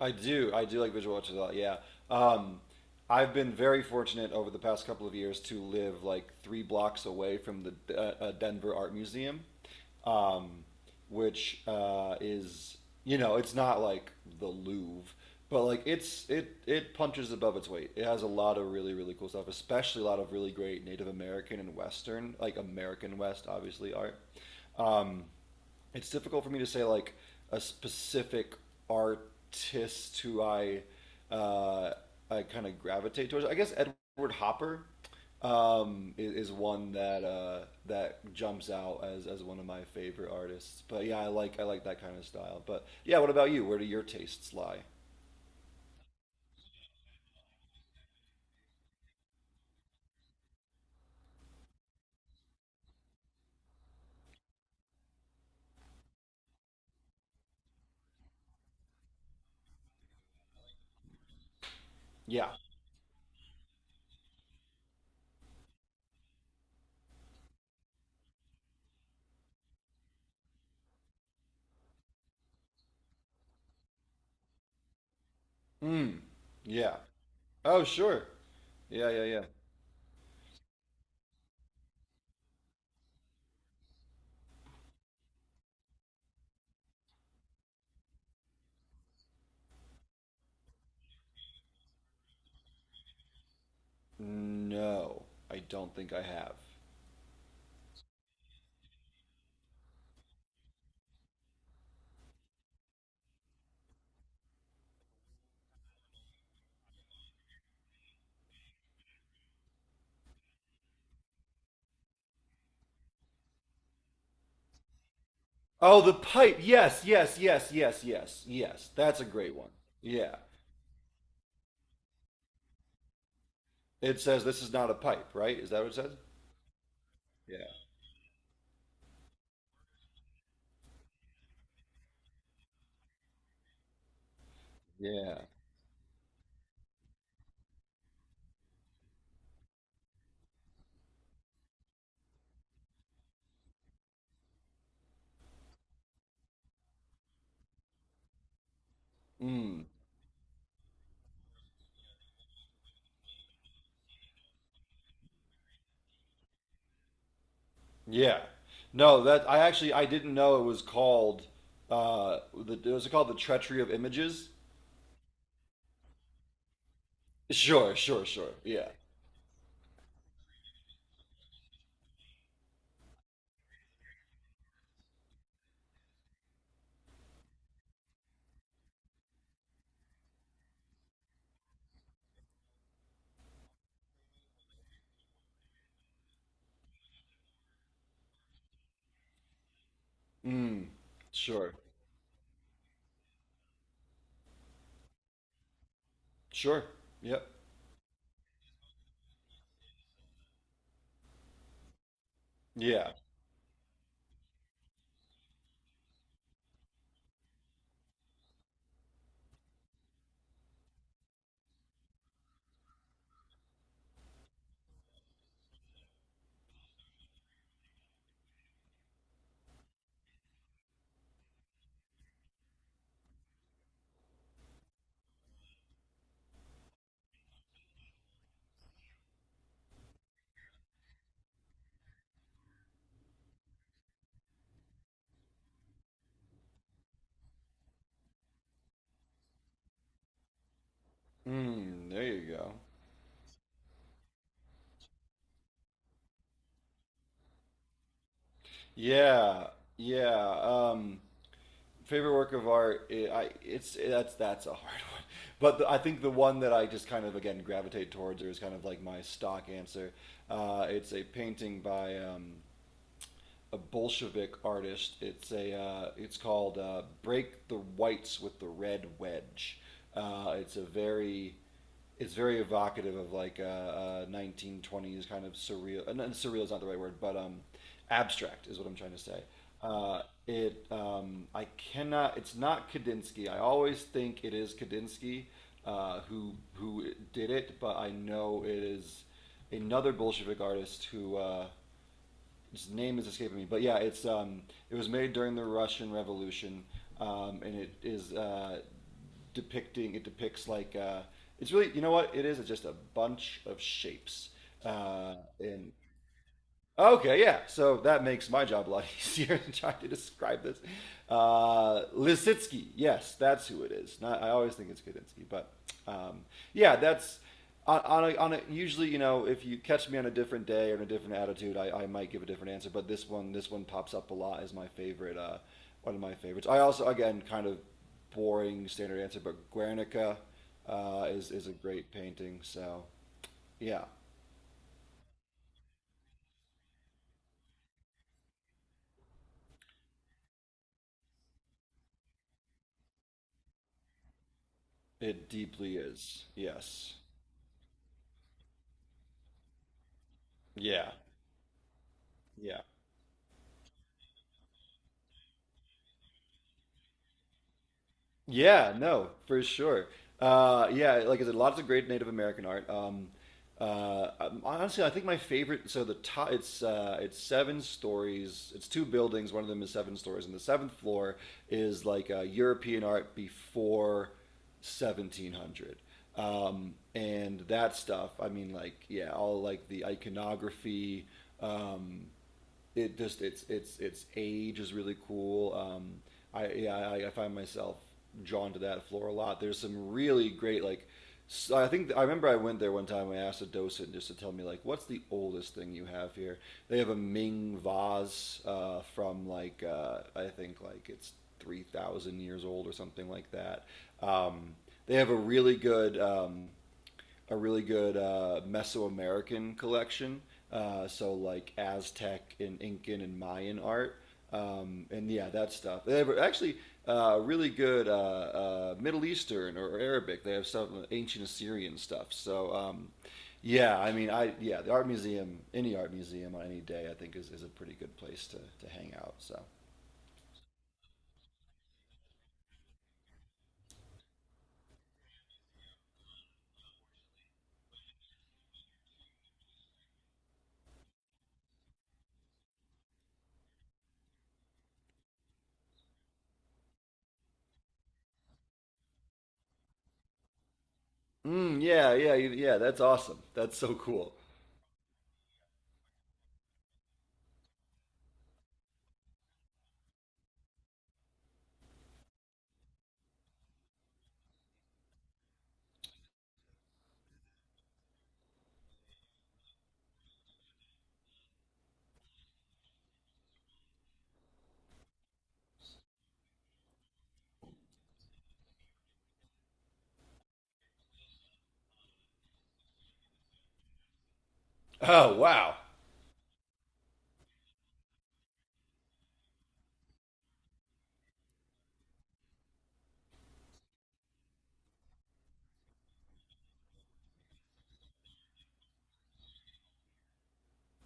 I do. I do like visual arts a lot. Yeah. Um, I've been very fortunate over the past couple of years to live like three blocks away from the Denver Art Museum, um, which is it's not like the Louvre, but like it punches above its weight. It has a lot of really cool stuff, especially a lot of really great Native American and Western, like American West obviously, art. Um, it's difficult for me to say like a specific artist who uh, I kind of gravitate towards. I guess Edward Hopper is one that that jumps out as one of my favorite artists. But yeah, I like that kind of style. But yeah, what about you? Where do your tastes lie? Yeah. Mm. Yeah. Oh, sure. Yeah, yeah, yeah. No, I don't think I have. Oh, the pipe. Yes, yes, yes, yes, yes, yes. That's a great one. Yeah. It says this is not a pipe, right? Is that what it says? Yeah. Yeah. Mm. Yeah. No, that I didn't know it was called the was it called the Treachery of Images? Sure, sure, sure. Yeah. Mm. Sure. Sure. Yep. Yeah. Mm, there you go. Yeah. Yeah. Um Favorite work of art, I, it's it, that's a hard one, but I think the one that I just kind of again gravitate towards, or is kind of like my stock answer, it's a painting by a Bolshevik artist. It's a it's called "Break the Whites with the Red Wedge." It's a very, it's very evocative of like a 1920s kind of surreal. And surreal is not the right word, but abstract is what I'm trying to say. Uh, it I cannot. It's not Kandinsky. I always think it is Kandinsky, who did it, but I know it is another Bolshevik artist who. His name is escaping me, but yeah, it was made during the Russian Revolution, and it is depicting it depicts like it's really, you know what it is. It's just a bunch of shapes, and okay, yeah. So that makes my job a lot easier in trying to describe this. Lisitsky, yes, that's who it is. Not, I always think it's Kudinski, but um, yeah, that's usually, you know, if you catch me on a different day or in a different attitude, I might give a different answer. But this one pops up a lot as my favorite, one of my favorites. I also again kind of boring standard answer, but Guernica is a great painting. So yeah, it deeply is. Yes. Yeah. Yeah. Yeah, no, for sure. Yeah, like I said, lots of great Native American art. Honestly, I think my favorite. So the top, it's seven stories. It's two buildings. One of them is seven stories, and the seventh floor is like European art before 1700. And that stuff. I mean, like yeah, all like the iconography. Um, it just it's age is really cool. I yeah, I find myself drawn to that floor a lot. There's some really great like. So I think I remember I went there one time. I asked a docent just to tell me like, what's the oldest thing you have here? They have a Ming vase from like I think like it's 3,000 years old or something like that. Um, they have a really good Mesoamerican collection. So like Aztec and Incan and Mayan art, and yeah, that stuff. They have actually really good Middle Eastern or Arabic. They have some ancient Assyrian stuff. So yeah, I mean, I yeah, the art museum, any art museum on any day, I think is a pretty good place to hang out. So mm, yeah, yeah, yeah, that's awesome. That's so cool. Oh wow.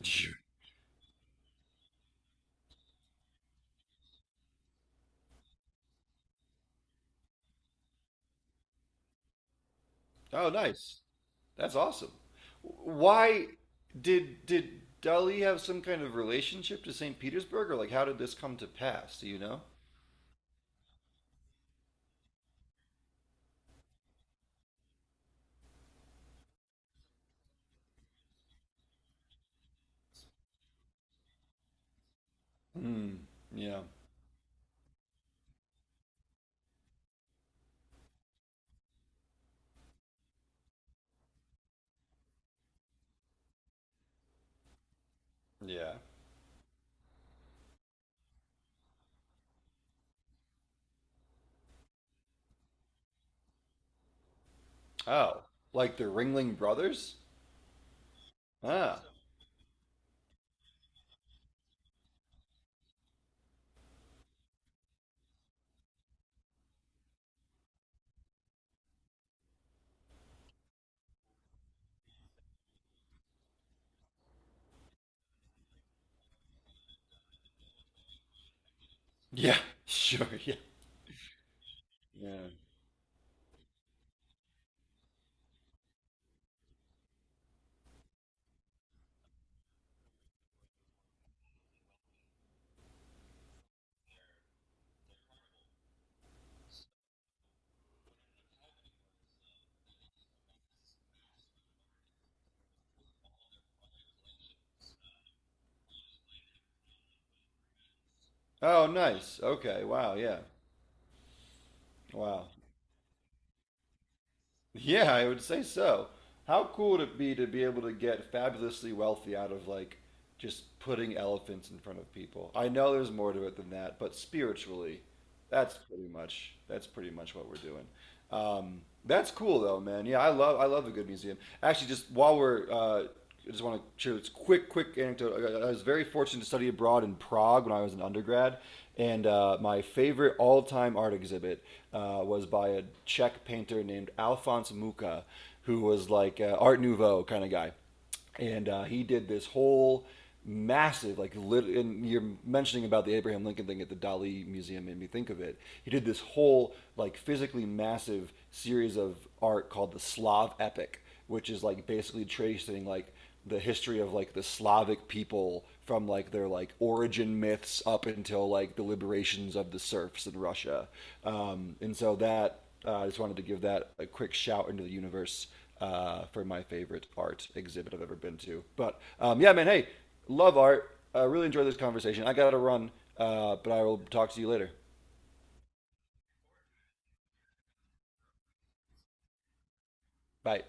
Oh, nice. That's awesome. Why did Dali have some kind of relationship to St. Petersburg, or like how did this come to pass? Do you know? Hmm. Yeah. Yeah. Oh, like the Ringling Brothers? Ah. Yeah. Sure. Yeah. Yeah. Oh, nice. Okay. Wow. Yeah. Wow. Yeah, I would say so. How cool would it be to be able to get fabulously wealthy out of like just putting elephants in front of people? I know there's more to it than that, but spiritually, that's pretty much what we're doing. That's cool though, man. Yeah, I love a good museum. Actually, just while we're I just want to share this quick, quick anecdote. I was very fortunate to study abroad in Prague when I was an undergrad, and my favorite all-time art exhibit was by a Czech painter named Alphonse Mucha, who was like Art Nouveau kind of guy, and he did this whole massive and you're mentioning about the Abraham Lincoln thing at the Dali museum made me think of it, he did this whole like physically massive series of art called the Slav Epic, which is like basically tracing like the history of like the Slavic people from like their like origin myths up until like the liberations of the serfs in Russia. And so that, I just wanted to give that a quick shout into the universe for my favorite art exhibit I've ever been to. But yeah, man, hey, love art. I really enjoyed this conversation. I gotta run, but I will talk to you later. Bye.